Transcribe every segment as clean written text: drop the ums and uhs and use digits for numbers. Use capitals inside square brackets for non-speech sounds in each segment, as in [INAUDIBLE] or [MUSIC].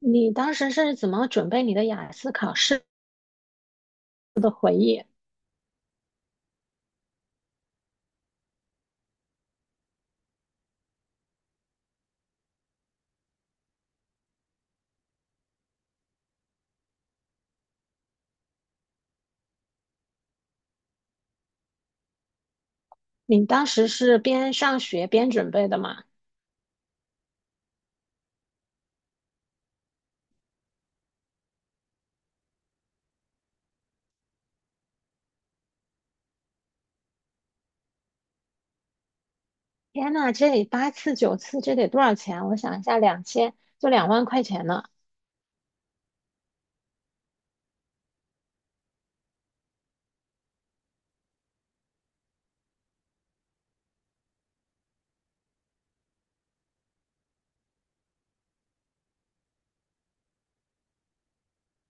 你当时是怎么准备你的雅思考试的回忆？你当时是边上学边准备的吗？天呐，这八次九次，这得多少钱？我想一下，两千就两万块钱呢。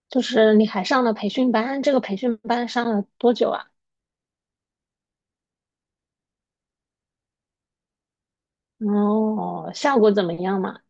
就是你还上了培训班，这个培训班上了多久啊？哦，效果怎么样嘛？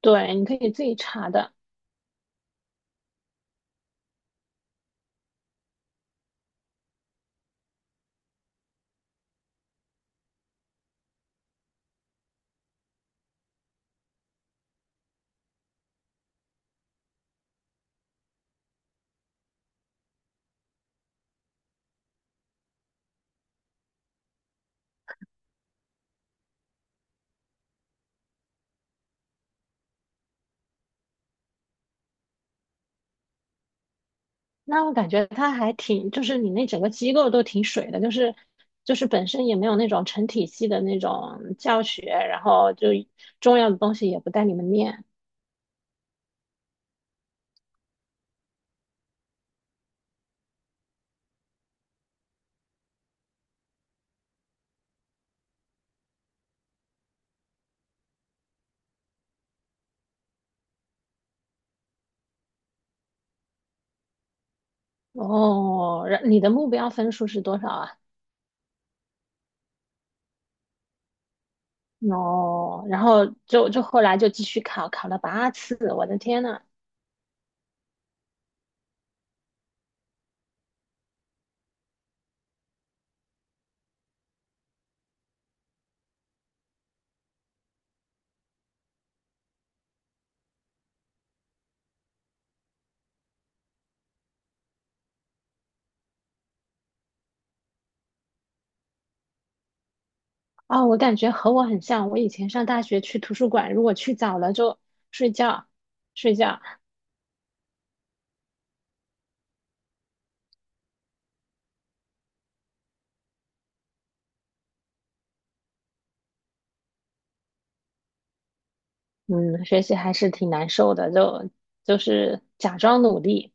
对，你可以自己查的。那我感觉他还挺，就是你那整个机构都挺水的，就是本身也没有那种成体系的那种教学，然后就重要的东西也不带你们念。哦，然你的目标分数是多少啊？哦，然后就后来就继续考，考了八次，我的天呐！啊，我感觉和我很像，我以前上大学去图书馆，如果去早了就睡觉，睡觉，嗯，学习还是挺难受的，就是假装努力。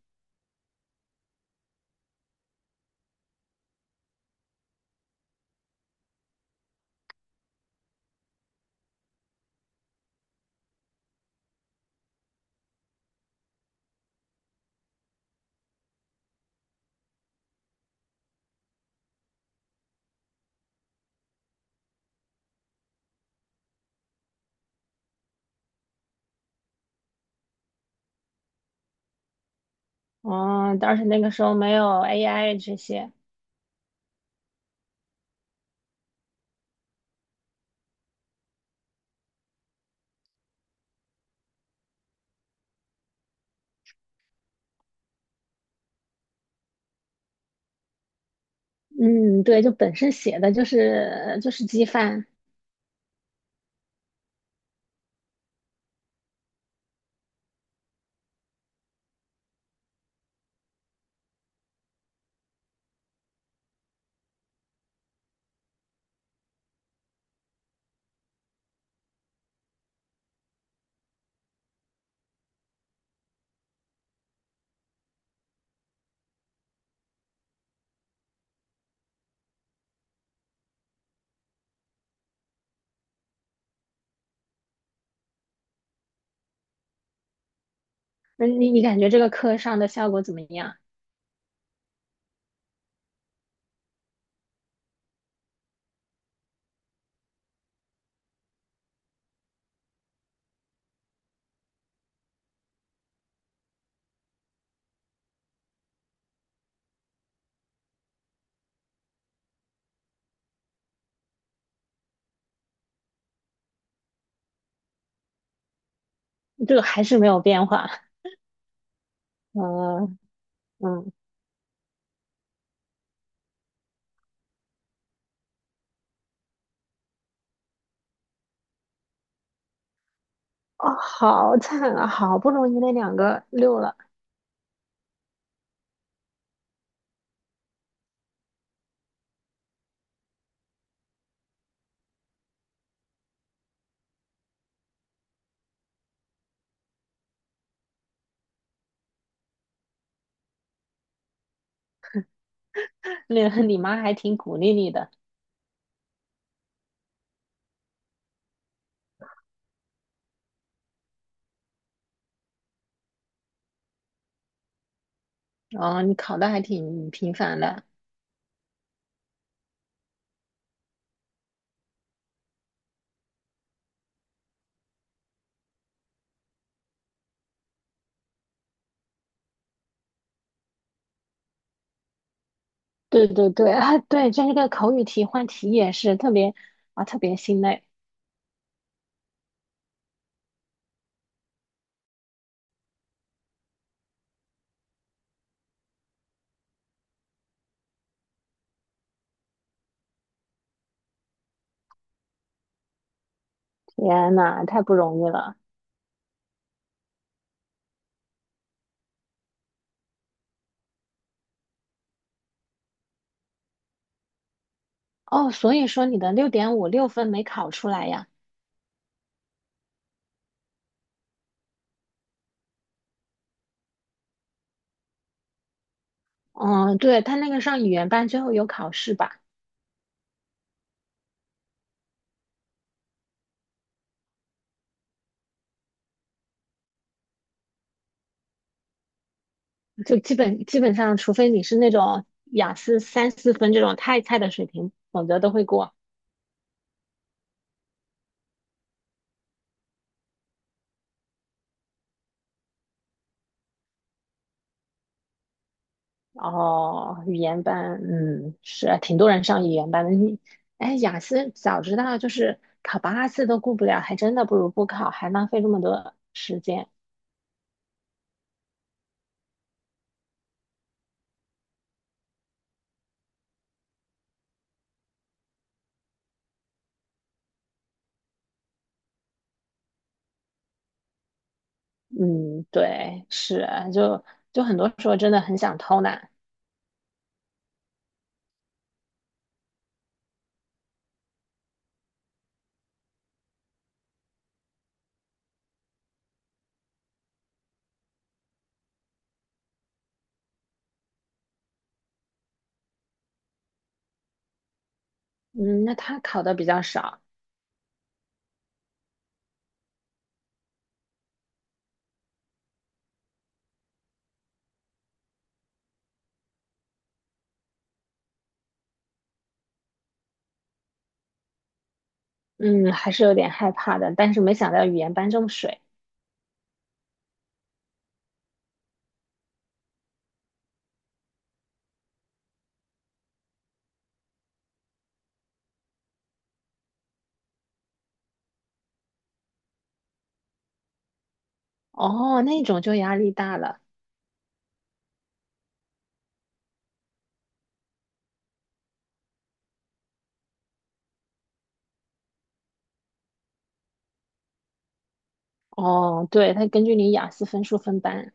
哦，但是那个时候没有 AI 这些，嗯，对，就本身写的就是机翻。那你你感觉这个课上的效果怎么样？这个还是没有变化。嗯嗯，哦，好惨啊！好不容易那两个六了，那 [LAUGHS] 你妈还挺鼓励你的，哦，你考的还挺频繁的。对对对啊，对，这个口语题换题也是特别啊，特别心累。天呐，太不容易了。哦，所以说你的六点五六分没考出来呀？嗯，对，他那个上语言班最后有考试吧，就基本上，除非你是那种雅思三四分这种太菜的水平，否则都会过。哦，语言班，嗯，是挺多人上语言班的。你，哎，雅思早知道就是考八次都过不了，还真的不如不考，还浪费这么多时间。嗯，对，是，就就很多时候真的很想偷懒。嗯，那他考的比较少，嗯，还是有点害怕的，但是没想到语言班这么水。哦，那种就压力大了。哦，对，他根据你雅思分数分班，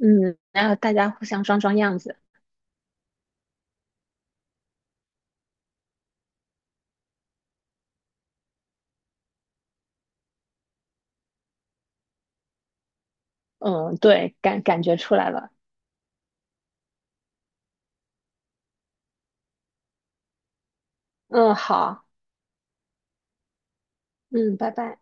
嗯，然后大家互相装装样子，嗯，对，感觉出来了，嗯，好，嗯，拜拜。